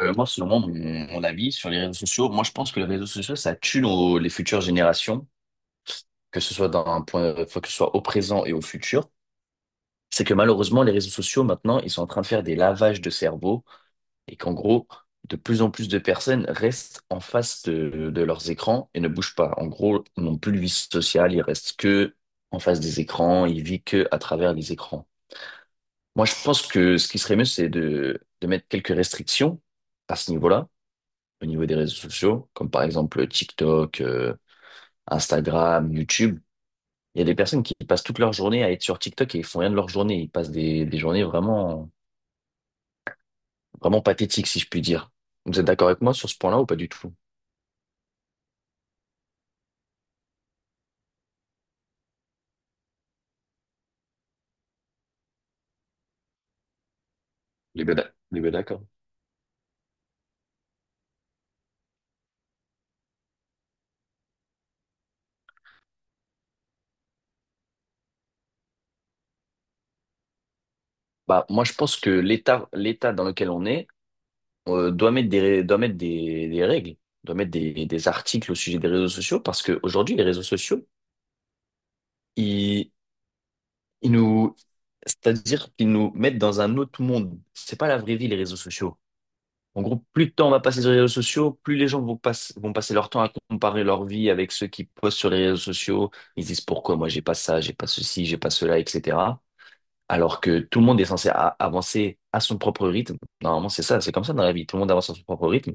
Moi, selon moi, mon avis sur les réseaux sociaux, moi, je pense que les réseaux sociaux, ça tue les futures générations, que ce soit enfin, que ce soit au présent et au futur. C'est que malheureusement, les réseaux sociaux, maintenant, ils sont en train de faire des lavages de cerveau et qu'en gros, de plus en plus de personnes restent en face de leurs écrans et ne bougent pas. En gros, ils n'ont plus de vie sociale, ils restent que en face des écrans, ils vivent que à travers les écrans. Moi, je pense que ce qui serait mieux, c'est de mettre quelques restrictions à ce niveau-là au niveau des réseaux sociaux, comme par exemple TikTok, Instagram, YouTube. Il y a des personnes qui passent toute leur journée à être sur TikTok et ils font rien de leur journée. Ils passent des journées vraiment, vraiment pathétiques, si je puis dire. Vous êtes d'accord avec moi sur ce point-là ou pas du tout? Les est bien d'ac- on bien d'accord. Bah, moi, je pense que l'État dans lequel on est, doit mettre des règles, doit mettre des articles au sujet des réseaux sociaux parce qu'aujourd'hui, les réseaux sociaux, ils, ils nous, c'est-à-dire qu'ils nous mettent dans un autre monde. C'est pas la vraie vie, les réseaux sociaux. En gros, plus de temps on va passer sur les réseaux sociaux, plus les gens vont passer leur temps à comparer leur vie avec ceux qui postent sur les réseaux sociaux. Ils disent pourquoi moi j'ai pas ça, j'ai pas ceci, j'ai pas cela, etc. Alors que tout le monde est censé avancer à son propre rythme. Normalement, c'est ça, c'est comme ça dans la vie. Tout le monde avance à son propre rythme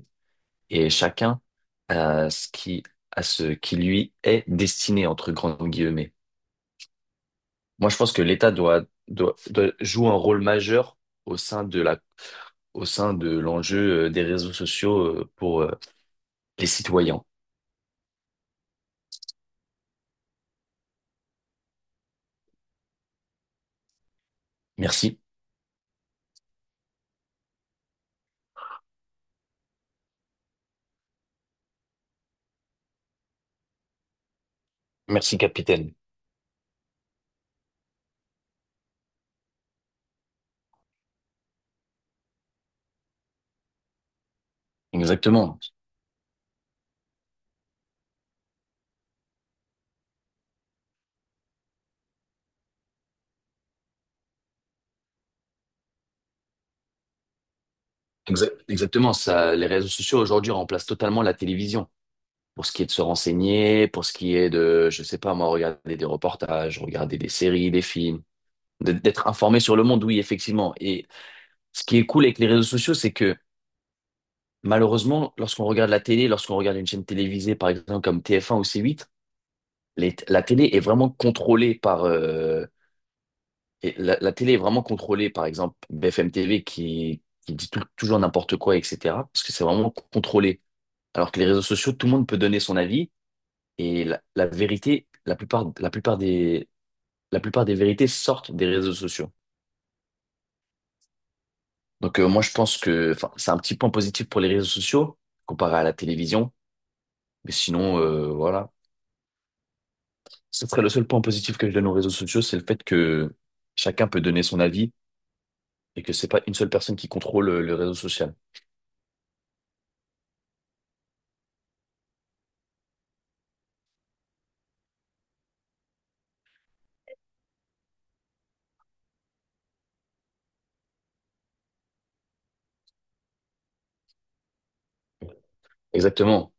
et chacun à ce qui, à ce qui lui est destiné, entre grandes guillemets. Moi, je pense que l'État doit jouer un rôle majeur au sein de la, au sein de l'enjeu des réseaux sociaux pour, les citoyens. Merci. Merci, capitaine. Exactement. Exactement. Ça, les réseaux sociaux aujourd'hui remplacent totalement la télévision pour ce qui est de se renseigner, pour ce qui est de, je sais pas moi, regarder des reportages, regarder des séries, des films, d'être informé sur le monde, oui, effectivement. Et ce qui est cool avec les réseaux sociaux, c'est que malheureusement, lorsqu'on regarde la télé, lorsqu'on regarde une chaîne télévisée, par exemple comme TF1 ou C8, la télé est vraiment contrôlée. Et la télé est vraiment contrôlée, par exemple, BFM TV qui dit toujours n'importe quoi, etc. Parce que c'est vraiment contrôlé. Alors que les réseaux sociaux, tout le monde peut donner son avis et la vérité, la plupart des vérités sortent des réseaux sociaux. Donc moi, je pense que, enfin, c'est un petit point positif pour les réseaux sociaux comparé à la télévision. Mais sinon, voilà. Ce serait le seul point positif que je donne aux réseaux sociaux, c'est le fait que chacun peut donner son avis et que c'est pas une seule personne qui contrôle le réseau social. Exactement.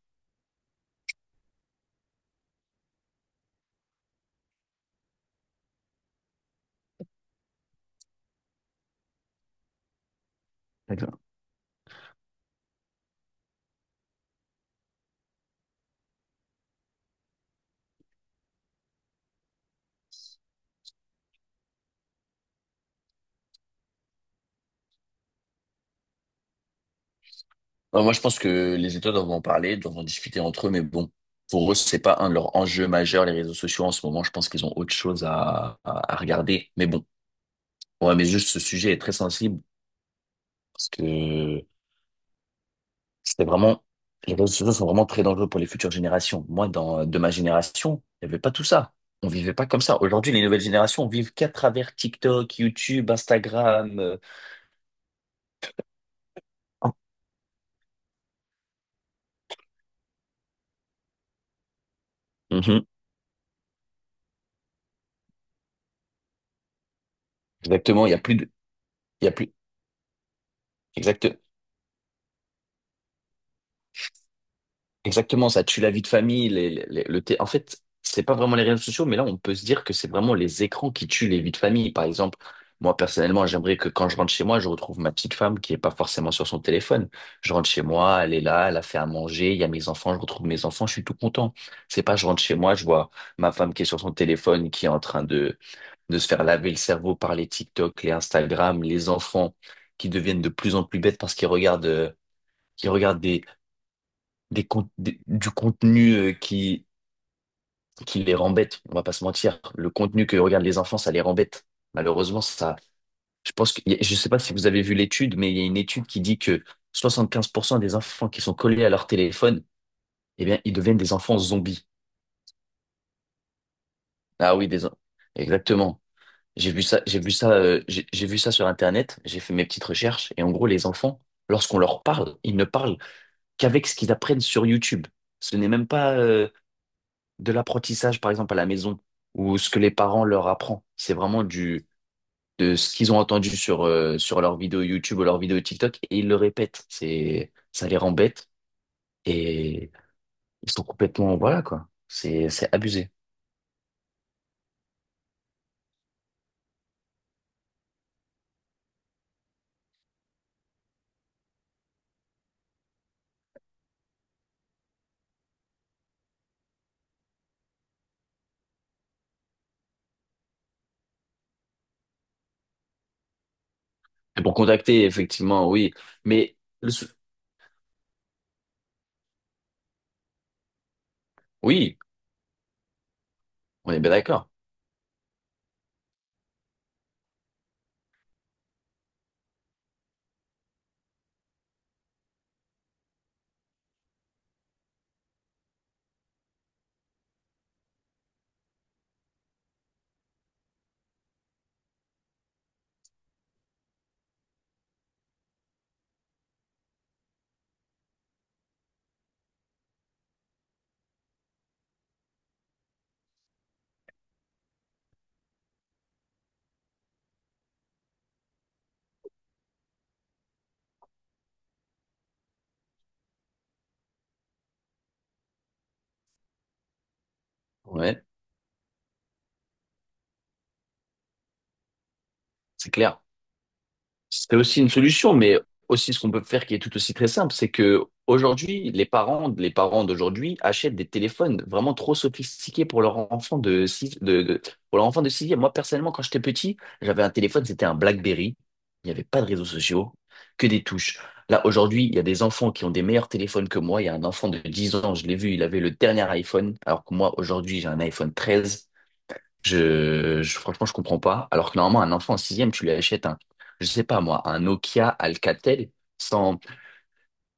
Non, moi, je pense que les États doivent en parler, doivent en discuter entre eux, mais bon, pour eux, c'est pas un de leurs enjeux majeurs, les réseaux sociaux en ce moment. Je pense qu'ils ont autre chose à regarder. Mais bon, ouais, mais juste ce sujet est très sensible parce que c'était vraiment, les réseaux sociaux sont vraiment très dangereux pour les futures générations. Moi, de ma génération, il n'y avait pas tout ça. On vivait pas comme ça. Aujourd'hui, les nouvelles générations vivent qu'à travers TikTok, YouTube, Instagram. Mhm. Exactement. Il y a plus, exact, Exactement, ça tue la vie de famille, en fait, c'est pas vraiment les réseaux sociaux, mais là, on peut se dire que c'est vraiment les écrans qui tuent les vies de famille. Par exemple, moi, personnellement, j'aimerais que quand je rentre chez moi, je retrouve ma petite femme qui est pas forcément sur son téléphone. Je rentre chez moi, elle est là, elle a fait à manger, il y a mes enfants, je retrouve mes enfants, je suis tout content. C'est pas je rentre chez moi, je vois ma femme qui est sur son téléphone, qui est en train de se faire laver le cerveau par les TikTok, les Instagram, les enfants qui deviennent de plus en plus bêtes parce qu'ils regardent du contenu qui les rend bêtes, on va pas se mentir. Le contenu que regardent les enfants, ça les rend bêtes. Malheureusement, ça, je pense que, je sais pas si vous avez vu l'étude, mais il y a une étude qui dit que 75% des enfants qui sont collés à leur téléphone, eh bien, ils deviennent des enfants zombies. Ah oui, exactement. J'ai vu ça, j'ai vu ça, j'ai vu ça sur Internet, j'ai fait mes petites recherches, et en gros, les enfants, lorsqu'on leur parle, ils ne parlent qu'avec ce qu'ils apprennent sur YouTube. Ce n'est même pas, de l'apprentissage, par exemple, à la maison, ou ce que les parents leur apprennent. C'est vraiment de ce qu'ils ont entendu sur leurs vidéos YouTube ou leurs vidéos TikTok, et ils le répètent. Ça les rend bêtes, et ils sont complètement, voilà, quoi. C'est abusé. Et pour contacter, effectivement, oui. Mais, oui, on est bien d'accord. Ouais, c'est clair. C'est aussi une solution, mais aussi ce qu'on peut faire qui est tout aussi très simple, c'est que aujourd'hui, les parents d'aujourd'hui achètent des téléphones vraiment trop sophistiqués pour leur enfant de sixième. Moi, personnellement, quand j'étais petit, j'avais un téléphone, c'était un BlackBerry. Il n'y avait pas de réseaux sociaux, que des touches. Là, aujourd'hui, il y a des enfants qui ont des meilleurs téléphones que moi. Il y a un enfant de 10 ans, je l'ai vu, il avait le dernier iPhone, alors que moi, aujourd'hui, j'ai un iPhone 13. Franchement, je comprends pas. Alors que normalement, un enfant en sixième, tu lui achètes un, je sais pas moi, un Nokia Alcatel, sans,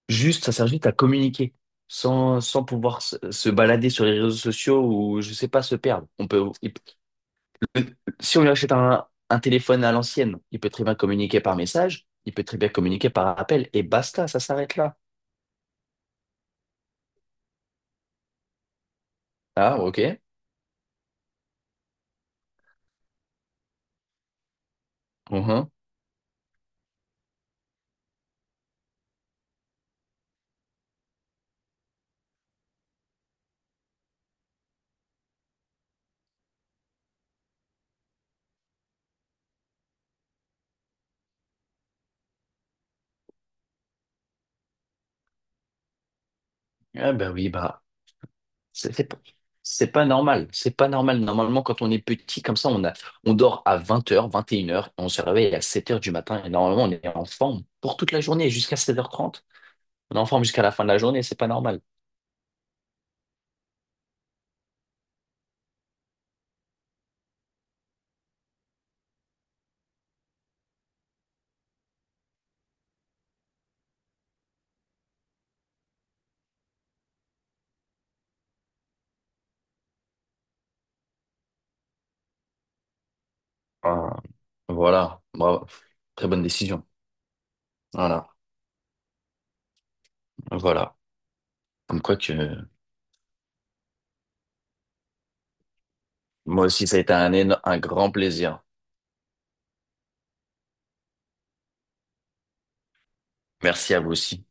juste, ça sert juste à communiquer, sans pouvoir se balader sur les réseaux sociaux ou, je sais pas, se perdre. Si on lui achète un téléphone à l'ancienne, il peut très bien communiquer par message, il peut très bien communiquer par appel, et basta, ça s'arrête là. Ah, ok. Mhm. Ah, bah oui, bah. C'est c'est pas c'est pas normal. C'est pas normal. Normalement, quand on est petit, comme ça, on dort à 20 heures, 21 heures, on se réveille à 7 heures du matin. Et normalement, on est en forme pour toute la journée, jusqu'à 7 heures trente. On est en forme jusqu'à la fin de la journée, c'est pas normal. Ah, voilà. Bravo. Très bonne décision. Voilà. Voilà. Comme quoi que moi aussi, ça a été un grand plaisir. Merci à vous aussi.